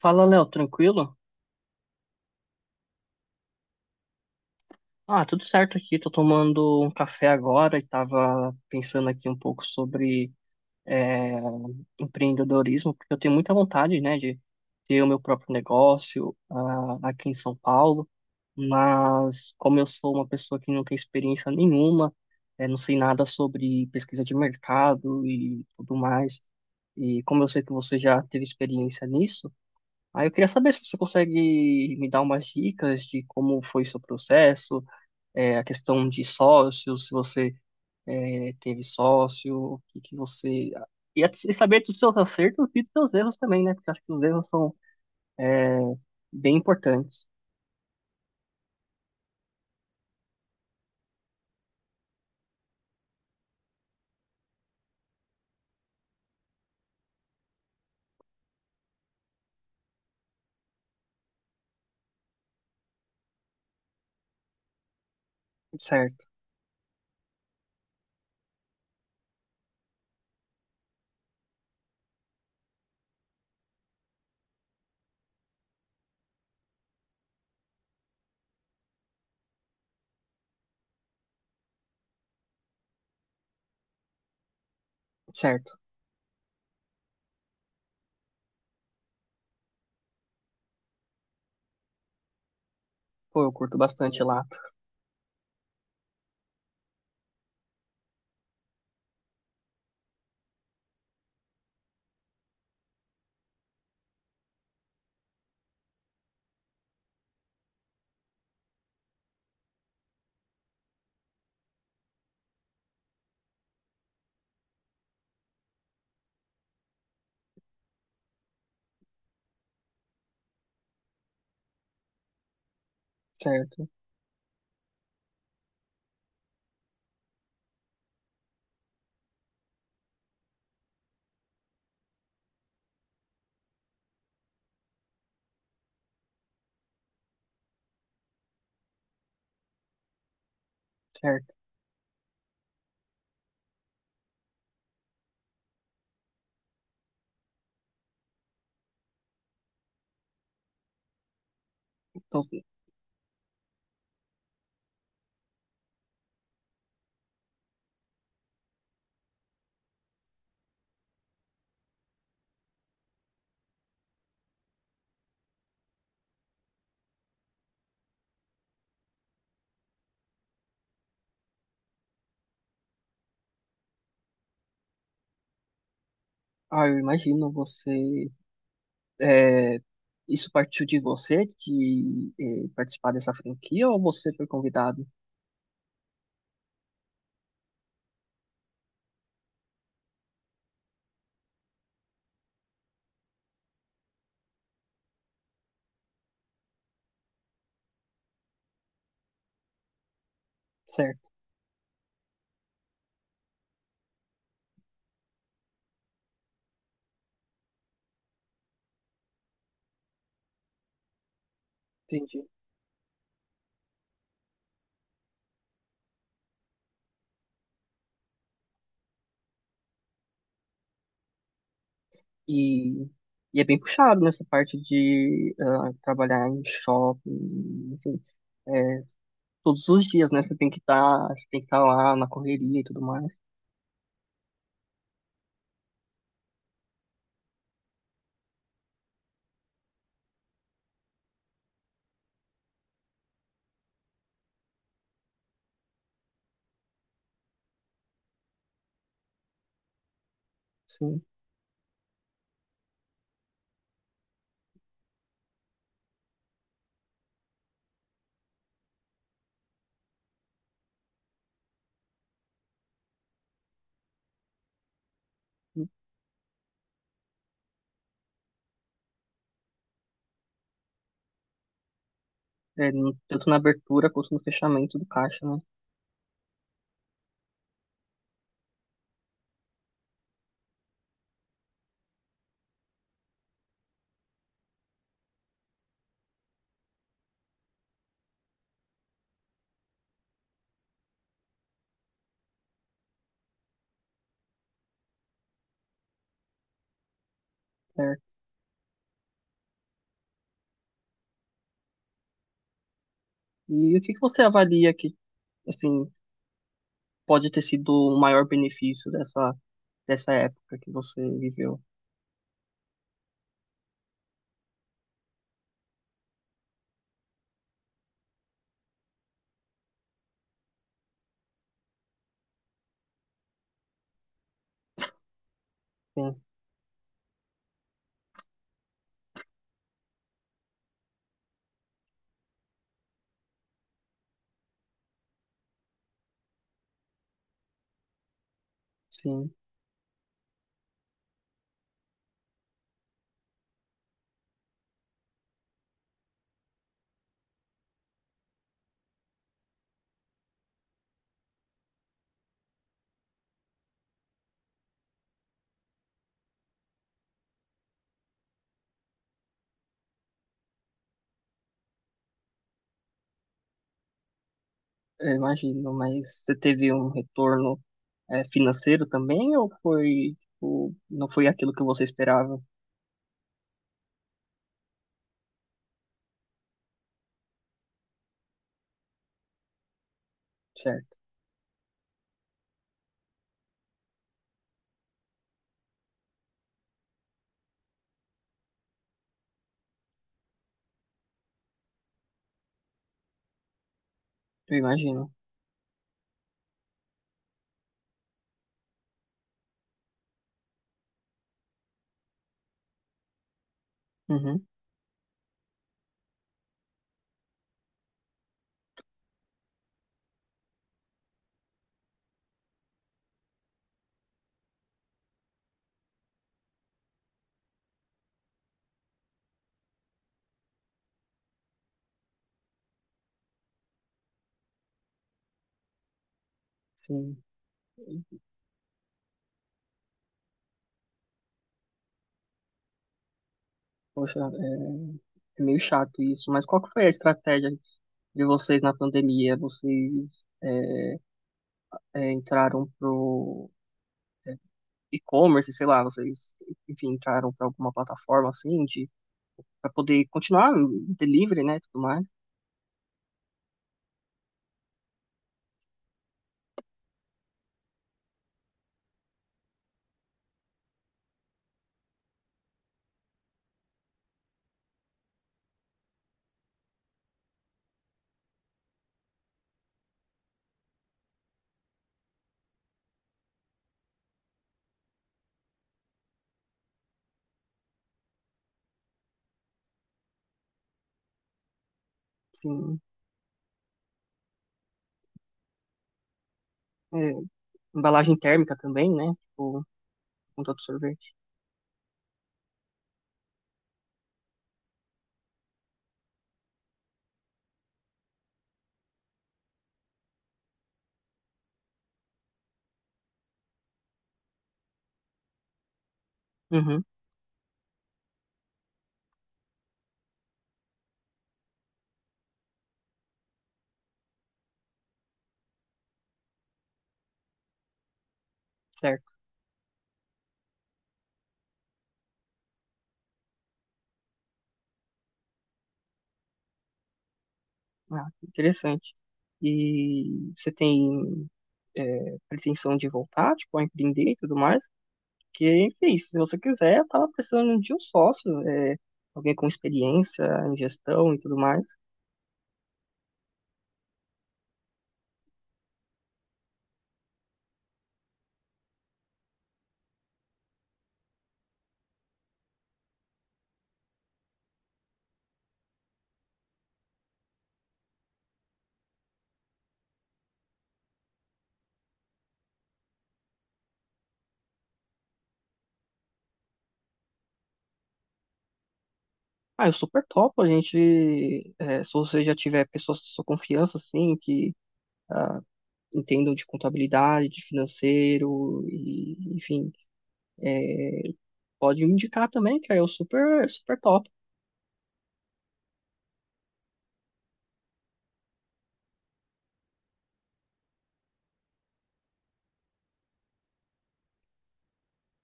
Fala, Léo, tranquilo? Ah, tudo certo aqui. Tô tomando um café agora e tava pensando aqui um pouco sobre é, empreendedorismo, porque eu tenho muita vontade, né, de ter o meu próprio negócio aqui em São Paulo, mas como eu sou uma pessoa que não tem experiência nenhuma, não sei nada sobre pesquisa de mercado e tudo mais, e como eu sei que você já teve experiência nisso, aí eu queria saber se você consegue me dar umas dicas de como foi seu processo, a questão de sócios, se você teve sócio, o que que você... e e saber dos seus acertos e dos seus erros também, né? Porque acho que os erros são bem importantes. Certo, certo. Pô, eu curto bastante Lato. Certo, certo. Então, eu imagino você... é, isso partiu de você, de participar dessa franquia, ou você foi convidado? Certo, entendi. E, e é bem puxado nessa parte de trabalhar em shopping, enfim, é, todos os dias, né? Você tem que estar lá na correria e tudo mais, sim. É, tanto na abertura quanto no fechamento do caixa, né? Certo. E o que que você avalia que, assim, pode ter sido o maior benefício dessa, dessa época que você viveu? Sim, sim. Eu imagino, mas você teve um retorno financeiro também ou foi, tipo, não foi aquilo que você esperava, certo? Eu imagino. Uhum, sim. Poxa, é, é meio chato isso, mas qual que foi a estratégia de vocês na pandemia? Vocês entraram pro e-commerce, sei lá, vocês, enfim, entraram para alguma plataforma assim de para poder continuar o delivery, né, tudo mais. Assim, é, embalagem térmica também, né? Tipo, com todo sorvete. Uhum, certo. Ah, interessante. E você tem pretensão de voltar, tipo, a empreender e tudo mais? Porque, enfim, se você quiser, eu tava precisando de um sócio, alguém com experiência em gestão e tudo mais. Ah, eu super topo, a gente, é, se você já tiver pessoas de sua confiança, assim, que ah, entendam de contabilidade, de financeiro, e, enfim, é, pode me indicar também, que aí eu super, super topo.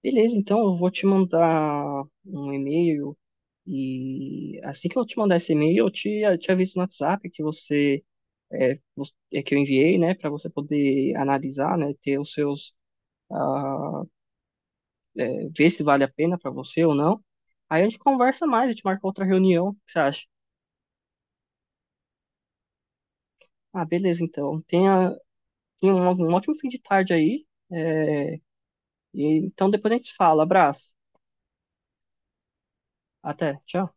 Beleza, então eu vou te mandar um e-mail e assim que eu te mandar esse e-mail, eu te aviso no WhatsApp que você é que eu enviei, né, para você poder analisar, né, ter os seus ah, ver se vale a pena para você ou não. Aí a gente conversa mais, a gente marca outra reunião, o que você acha? Ah, beleza, então. Tenha um, um ótimo fim de tarde aí. é, e então depois a gente se fala. Abraço. Até. Tchau.